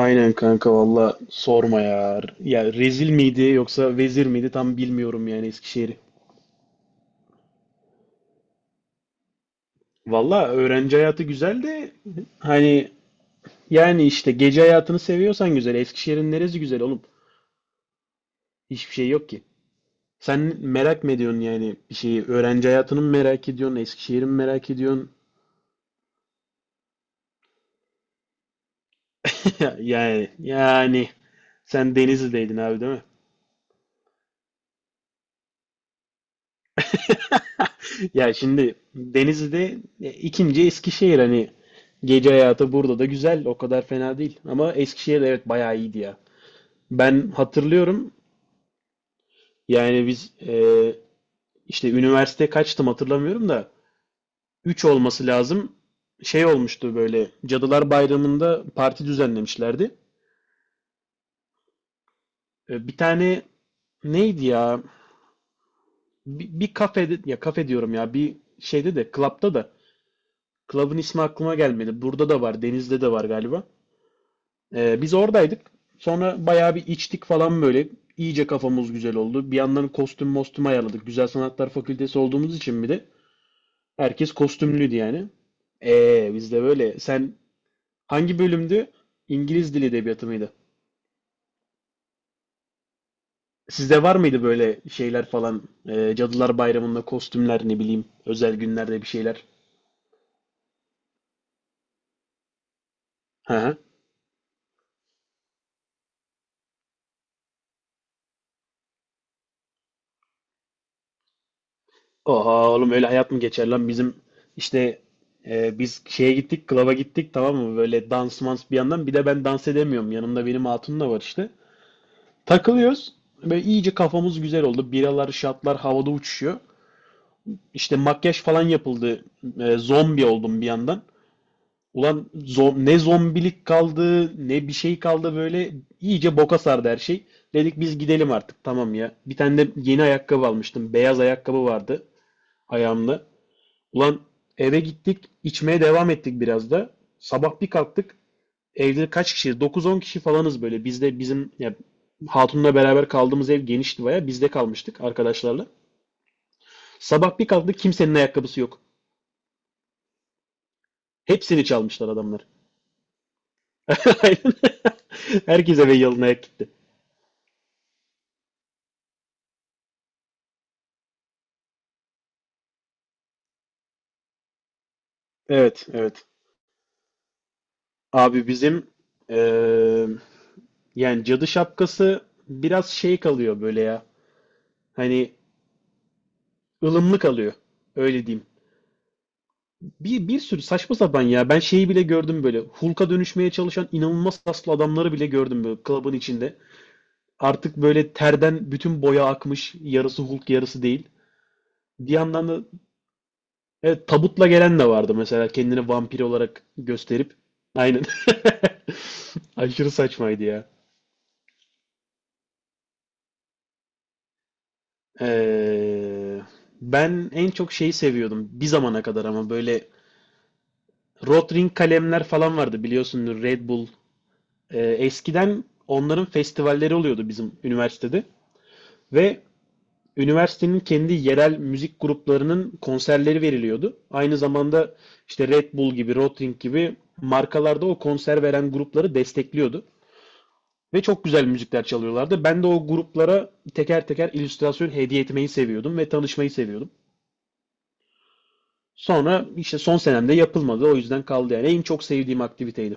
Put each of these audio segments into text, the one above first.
Aynen kanka valla sorma ya. Ya rezil miydi yoksa vezir miydi tam bilmiyorum yani Eskişehir'i. Valla öğrenci hayatı güzel de hani yani işte gece hayatını seviyorsan güzel. Eskişehir'in neresi güzel oğlum? Hiçbir şey yok ki. Sen merak mı ediyorsun yani bir şeyi? Öğrenci hayatını mı merak ediyorsun? Eskişehir'i mi merak ediyorsun? Yani sen Denizli'deydin abi değil mi? Ya şimdi Denizli'de ikinci Eskişehir, hani gece hayatı burada da güzel, o kadar fena değil, ama Eskişehir evet bayağı iyiydi ya. Ben hatırlıyorum, yani biz işte üniversite kaçtım hatırlamıyorum da, 3 olması lazım, şey olmuştu böyle, Cadılar Bayramı'nda parti düzenlemişlerdi. Bir tane, neydi ya, bir kafede, ya kafe diyorum ya, bir şeyde de, klapta da, klabın ismi aklıma gelmedi, burada da var Denizli'de de var galiba. Biz oradaydık. Sonra bayağı bir içtik falan böyle. İyice kafamız güzel oldu. Bir yandan kostüm mostüm ayarladık. Güzel Sanatlar Fakültesi olduğumuz için bir de herkes kostümlüydü yani. Biz de böyle. Sen hangi bölümdü? İngiliz Dili Edebiyatı mıydı? Sizde var mıydı böyle şeyler falan? Cadılar Bayramı'nda kostümler, ne bileyim, özel günlerde bir şeyler. Hı hı. Oha oğlum, öyle hayat mı geçer lan bizim işte. Biz şeye gittik, klaba gittik, tamam mı, böyle dans mans, bir yandan bir de ben dans edemiyorum, yanımda benim hatun da var işte, takılıyoruz, böyle iyice kafamız güzel oldu, biralar şatlar havada uçuşuyor, işte makyaj falan yapıldı. Zombi oldum bir yandan. Ulan ne zombilik kaldı ne bir şey kaldı, böyle iyice boka sardı her şey. Dedik biz gidelim artık, tamam ya. Bir tane de yeni ayakkabı almıştım, beyaz ayakkabı vardı ayağımda. Ulan, eve gittik, içmeye devam ettik biraz da. Sabah bir kalktık. Evde kaç kişi? 9-10 kişi falanız böyle. Bizde, bizim ya, hatunla beraber kaldığımız ev genişti baya. Bizde kalmıştık arkadaşlarla. Sabah bir kalktık, kimsenin ayakkabısı yok. Hepsini çalmışlar adamlar. Aynen. Herkes eve yalın ayak gitti. Evet, evet. Abi bizim eee, yani cadı şapkası biraz şey kalıyor böyle ya. Hani ılımlı kalıyor. Öyle diyeyim. Bir sürü saçma sapan ya. Ben şeyi bile gördüm böyle. Hulk'a dönüşmeye çalışan inanılmaz kaslı adamları bile gördüm böyle, klubun içinde. Artık böyle terden bütün boya akmış. Yarısı Hulk, yarısı değil. Bir yandan da evet, tabutla gelen de vardı mesela. Kendini vampir olarak gösterip. Aynen. Aşırı saçmaydı ya. Ee, ben en çok şeyi seviyordum. Bir zamana kadar ama, böyle Rotring kalemler falan vardı biliyorsunuz. Red Bull. Eskiden onların festivalleri oluyordu bizim üniversitede, ve üniversitenin kendi yerel müzik gruplarının konserleri veriliyordu. Aynı zamanda işte Red Bull gibi, Rotring gibi markalarda o konser veren grupları destekliyordu. Ve çok güzel müzikler çalıyorlardı. Ben de o gruplara teker teker illüstrasyon hediye etmeyi seviyordum ve tanışmayı seviyordum. Sonra işte son senemde yapılmadı. O yüzden kaldı yani. En çok sevdiğim aktiviteydi.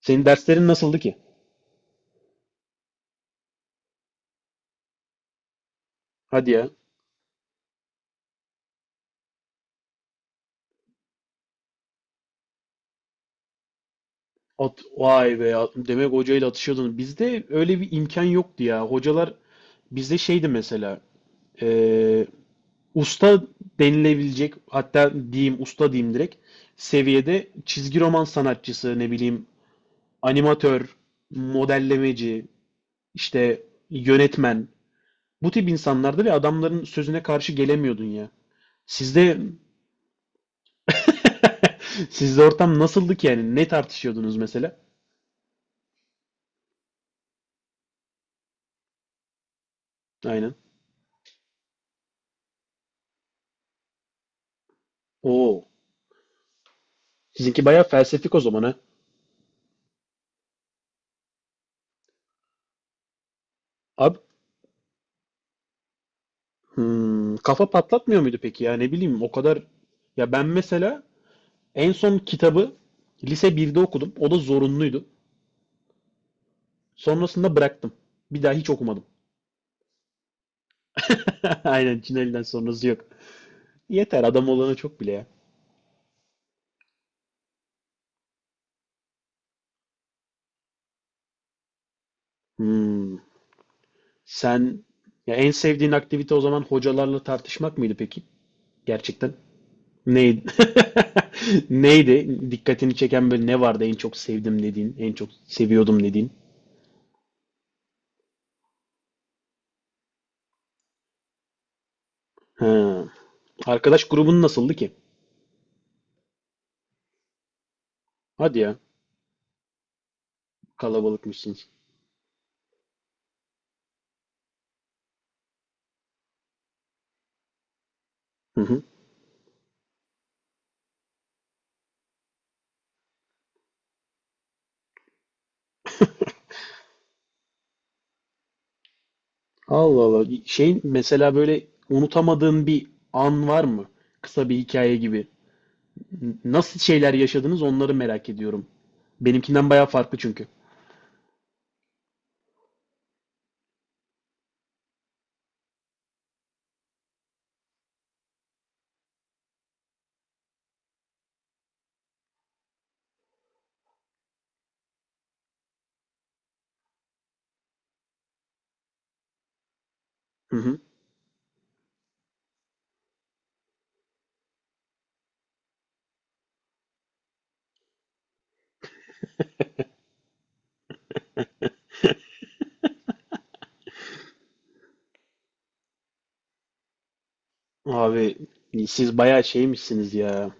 Senin derslerin nasıldı ki? Hadi ya. At, vay be ya. Demek hocayla atışıyordun. Bizde öyle bir imkan yoktu ya. Hocalar bizde şeydi mesela. e, usta denilebilecek, hatta diyeyim usta diyeyim, direkt seviyede çizgi roman sanatçısı, ne bileyim, animatör, modellemeci, işte yönetmen, bu tip insanlardı ve adamların sözüne karşı gelemiyordun ya. Sizde sizde ortam nasıldı ki yani? Ne tartışıyordunuz mesela? Aynen. Oo. Sizinki bayağı felsefik o zaman ha. Abi, kafa patlatmıyor muydu peki, ya ne bileyim, o kadar. Ya ben mesela en son kitabı lise birde okudum. O da zorunluydu. Sonrasında bıraktım. Bir daha hiç okumadım. Aynen, Çineli'den sonrası yok. Yeter, adam olana çok bile ya. Hmm, sen ya, en sevdiğin aktivite o zaman hocalarla tartışmak mıydı peki? Gerçekten. Neydi? Neydi? Dikkatini çeken böyle ne vardı, en çok sevdim dediğin, en çok seviyordum dediğin? Ha. Arkadaş grubun nasıldı ki? Hadi ya, kalabalıkmışsınız. Hı hı. Allah Allah. Şey mesela, böyle unutamadığın bir an var mı? Kısa bir hikaye gibi. Nasıl şeyler yaşadınız, onları merak ediyorum. Benimkinden bayağı farklı çünkü. Hı hı. Abi, siz bayağı şeymişsiniz ya.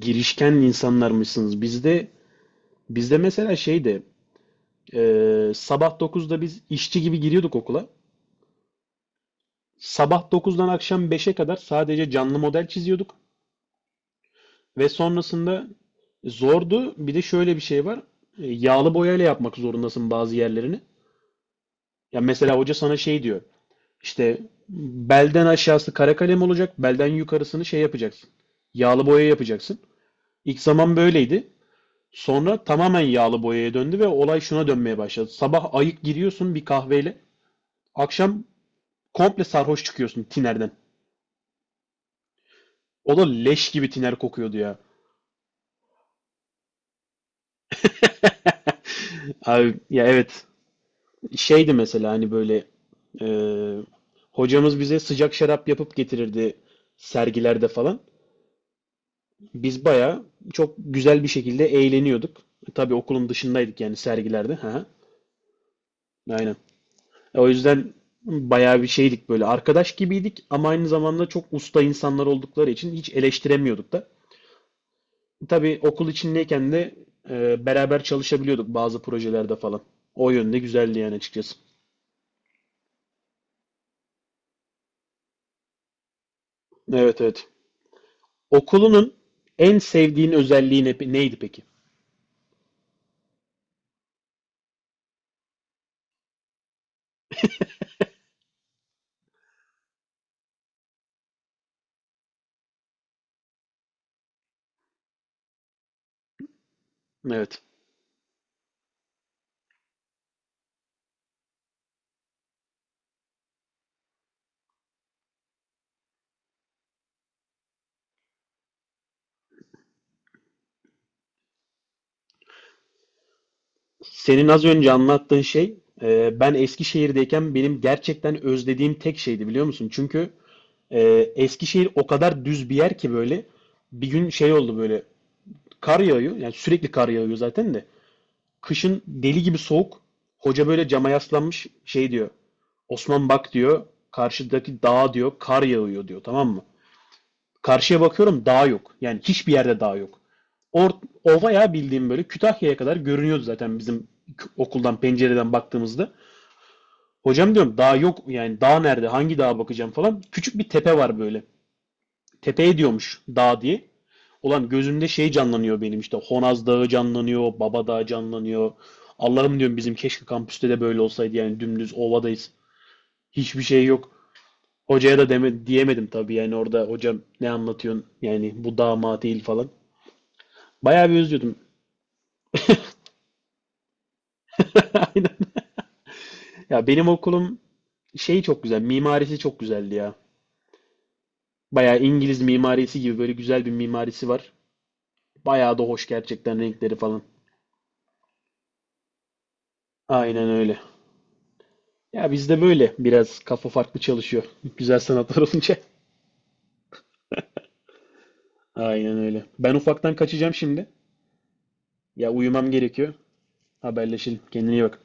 Girişken insanlarmışsınız. bizde mesela şeydi. Sabah dokuzda biz işçi gibi giriyorduk okula. Sabah dokuzdan akşam beşe kadar sadece canlı model çiziyorduk. Ve sonrasında zordu. Bir de şöyle bir şey var. Yağlı boyayla yapmak zorundasın bazı yerlerini. Ya mesela hoca sana şey diyor. İşte belden aşağısı kara kalem olacak, belden yukarısını şey yapacaksın. Yağlı boya yapacaksın. İlk zaman böyleydi. Sonra tamamen yağlı boyaya döndü ve olay şuna dönmeye başladı. Sabah ayık giriyorsun bir kahveyle. Akşam komple sarhoş çıkıyorsun tinerden. O da leş gibi tiner kokuyordu ya. Abi ya evet. Şeydi mesela, hani böyle e, hocamız bize sıcak şarap yapıp getirirdi sergilerde falan. Biz bayağı çok güzel bir şekilde eğleniyorduk. Tabii okulun dışındaydık yani, sergilerde. Ha, aynen. O yüzden bayağı bir şeydik, böyle arkadaş gibiydik ama, aynı zamanda çok usta insanlar oldukları için hiç eleştiremiyorduk da. Tabii okul içindeyken de beraber çalışabiliyorduk bazı projelerde falan. O yönde güzeldi yani, açıkçası. Evet, evet. Okulunun en sevdiğin özelliği neydi peki? Evet. Senin az önce anlattığın şey, ben Eskişehir'deyken benim gerçekten özlediğim tek şeydi, biliyor musun? Çünkü e, Eskişehir o kadar düz bir yer ki, böyle bir gün şey oldu, böyle kar yağıyor, yani sürekli kar yağıyor zaten de, kışın deli gibi soğuk, hoca böyle cama yaslanmış şey diyor, Osman bak diyor, karşıdaki dağa diyor kar yağıyor diyor, tamam mı? Karşıya bakıyorum, dağ yok. Yani hiçbir yerde dağ yok. Or Ova ya, bildiğim böyle Kütahya'ya kadar görünüyordu zaten, bizim okuldan pencereden baktığımızda. Hocam diyorum dağ yok, yani dağ nerede, hangi dağa bakacağım falan. Küçük bir tepe var böyle. Tepeye diyormuş dağ diye. Ulan gözümde şey canlanıyor benim, işte Honaz Dağı canlanıyor, Baba Dağı canlanıyor. Allah'ım diyorum, bizim keşke kampüste de böyle olsaydı, yani dümdüz ovadayız. Hiçbir şey yok. Hocaya da deme, diyemedim tabii, yani orada, hocam ne anlatıyorsun yani, bu dağ mağ değil falan. Bayağı bir özlüyordum. Aynen. Ya benim okulum şey çok güzel. Mimarisi çok güzeldi ya. Bayağı İngiliz mimarisi gibi, böyle güzel bir mimarisi var. Bayağı da hoş gerçekten, renkleri falan. Aynen öyle. Ya bizde böyle biraz kafa farklı çalışıyor. Güzel sanatlar olunca. Aynen öyle. Ben ufaktan kaçacağım şimdi. Ya uyumam gerekiyor. Haberleşelim. Kendine iyi bak.